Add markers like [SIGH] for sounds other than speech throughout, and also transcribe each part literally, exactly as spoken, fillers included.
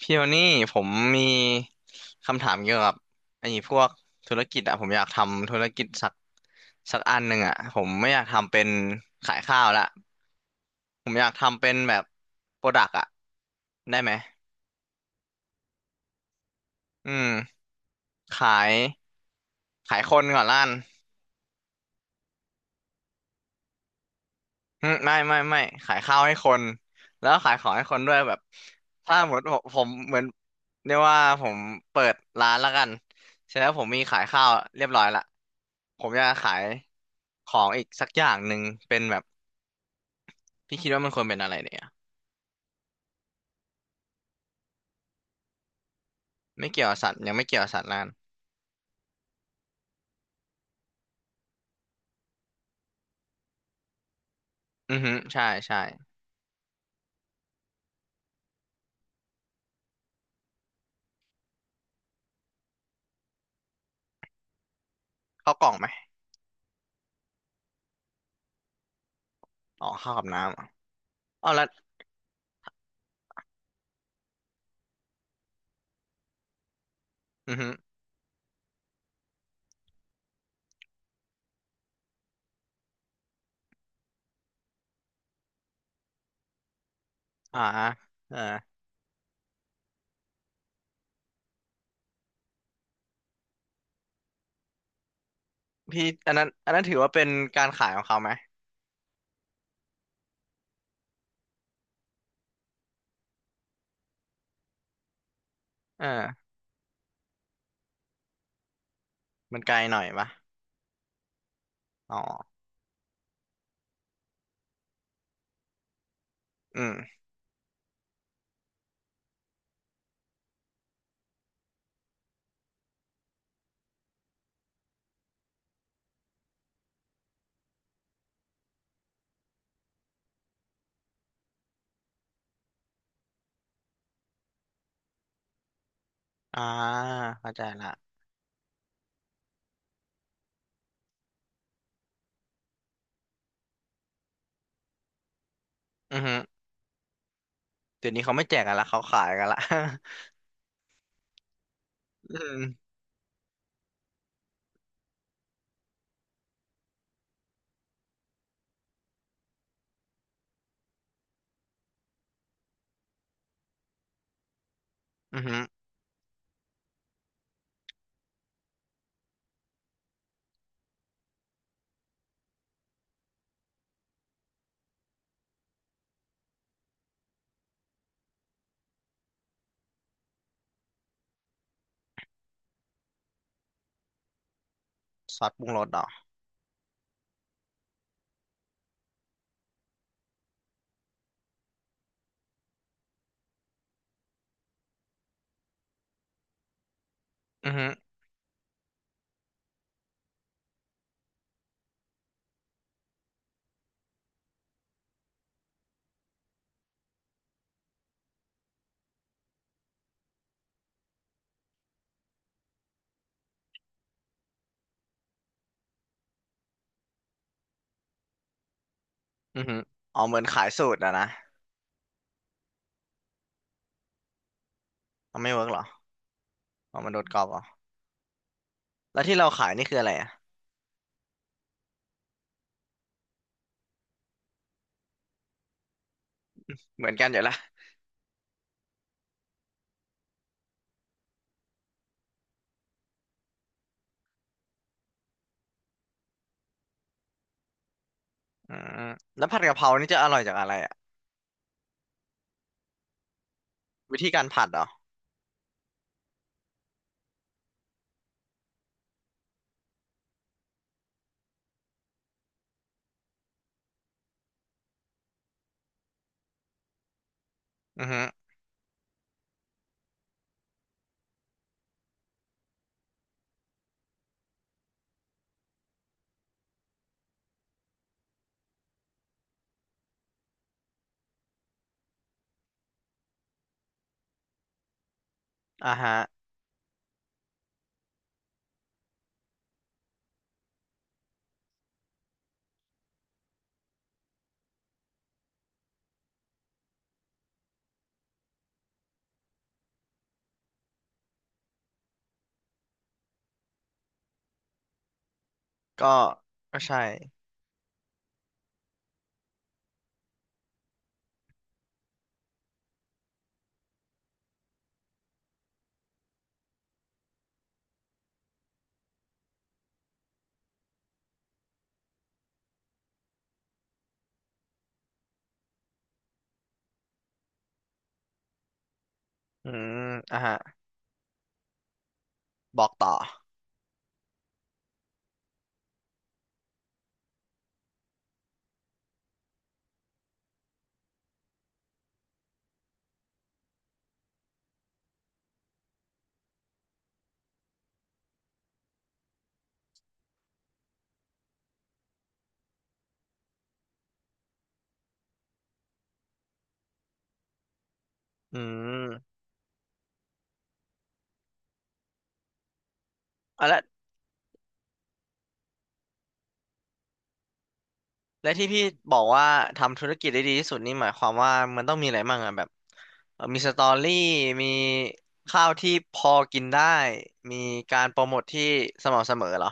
พี่วนนี่ผมมีคำถามเกี่ยวกับไอ้พวกธุรกิจอะผมอยากทำธุรกิจสักสักอันหนึ่งอะผมไม่อยากทำเป็นขายข้าวละผมอยากทำเป็นแบบโปรดักอะได้ไหมอืมขายขายคนก่อนล้าน อืมไม่ไม่ไม่ขายข้าวให้คนแล้วก็ขายของให้คนด้วยแบบถ้าหมดผมผมเหมือนเรียกว่าผมเปิดร้านแล้วกันเสร็จแล้วผมมีขายข้าวเรียบร้อยละผมจะขายของอีกสักอย่างหนึ่งเป็นแบบพี่คิดว่ามันควรเป็นอะไรเนี่ยไม่เกี่ยวกับสัตว์ยังไม่เกี่ยวกับสัตว์แล้วกันอือฮึใช่ใช่ข้าวกล่องไหมอ๋อข้าวกับน้ำอ๋อเอาละอือฮึอ่าเออพี่อันนั้นอันนั้นถือว่าเป็นการขายของเขาไหมเออมันไกลหน่อยปะอ๋ออืม อ่าเข้าใจละอือฮึเดี๋ยวนี้เขาไม่แจกกันละเขาขายกันละ [LAUGHS] อืมอือฮึซอสปรุงรสเหรออือฮึอือฮึอ๋อเหมือนขายสูตรอะนะมันไม่เวิร์กเหรออ๋อมันโดนกรอบเหรอแล้วที่เราขายนี่คืออะไรอะเหมือนกันอยู่ละอืมแล้วผัดกะเพรานี่จะอร่อยจากอะไรอะวิธีการผัดเหรออือฮึอ่าฮะก็ก็ใช่อืมอ่าฮะบอกต่ออืมอ่ะแล้ว และที่พี่บอกว่าทำธุรกิจได้ดีที่สุดนี่หมายความว่ามันต้องมีอะไรบ้างอะแบบเอ่อมีสตอรี่มีข้าวที่พอกินได้มีการโปรโมทที่สม่ำเสมอเหรอ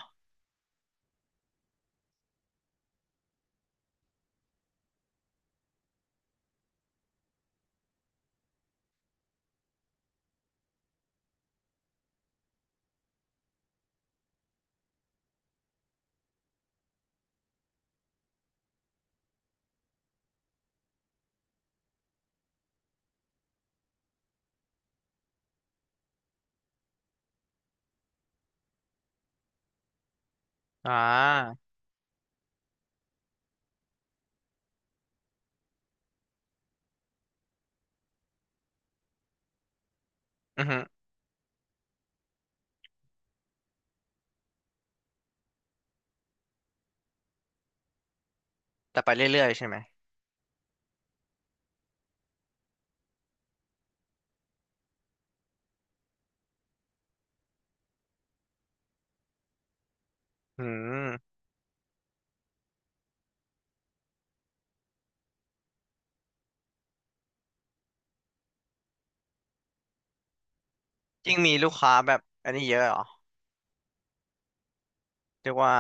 อ่าอือฮึแต่ไปเรื่อยๆใช่ไหมอืมยิ่งมีลูกค้าแบบอันนี้เยอะเหรอเรียกว่า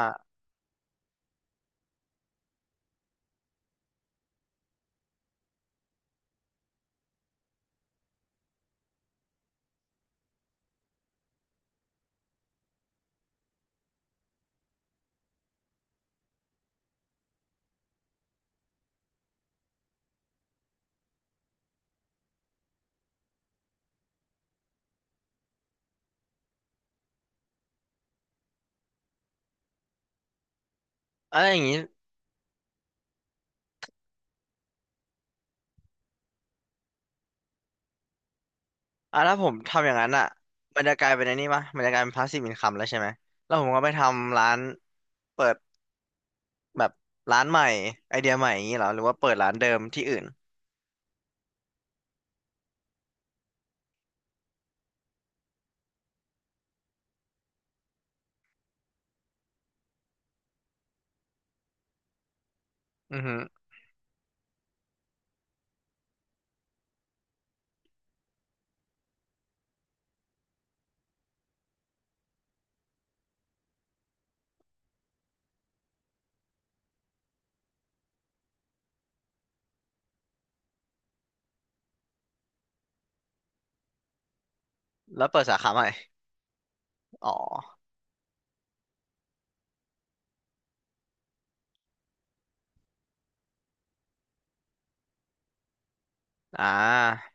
อะไรอย่างงี้อ่ะถ้าผมทำอย่างนั้นอะมันจะกลายเป็นอันนี้ปะมันจะกลายเป็นพาสซีฟอินคัมแล้วใช่ไหมแล้วผมก็ไปทำร้านเปิดแบบร้านใหม่ไอเดียใหม่อย่างงี้เหรอหรือว่าเปิดร้านเดิมที่อื่นอือฮึ แล้วเปิดสาขาใหม่อ๋ออ่า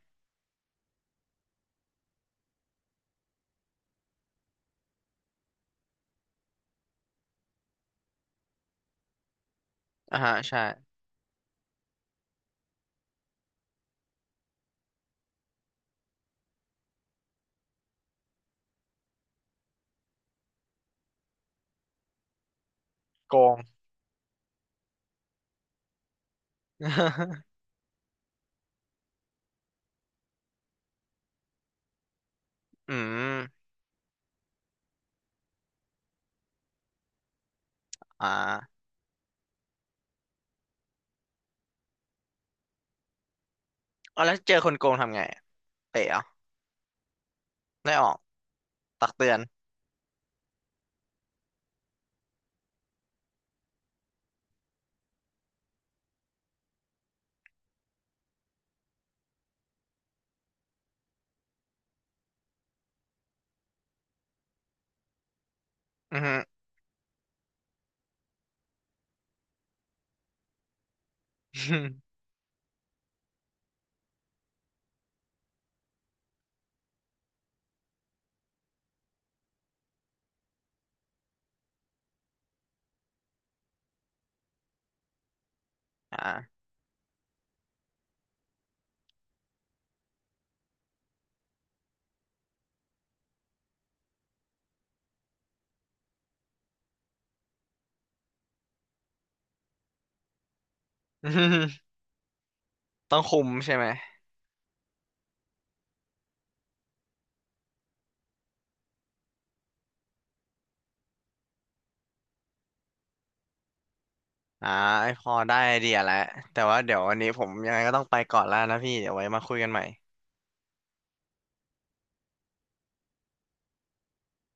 อ่าฮะใช่ โกง [LAUGHS] อืม อ่าเอาแล้วเจอคนโกงทำไงอะเตะเหรอได้ออก ตักเตือน อือฮึ [LAUGHS] อ่า [LAUGHS] ต้องคุมใช่ไหม อ่าพอได้ไอเดียแล้ว แต่ว่าเดี๋ยววันนี้ผมยังไงก็ต้องไปก่อนแล้วนะพี่ เดี๋ยวไว้มาคุยกันใหม่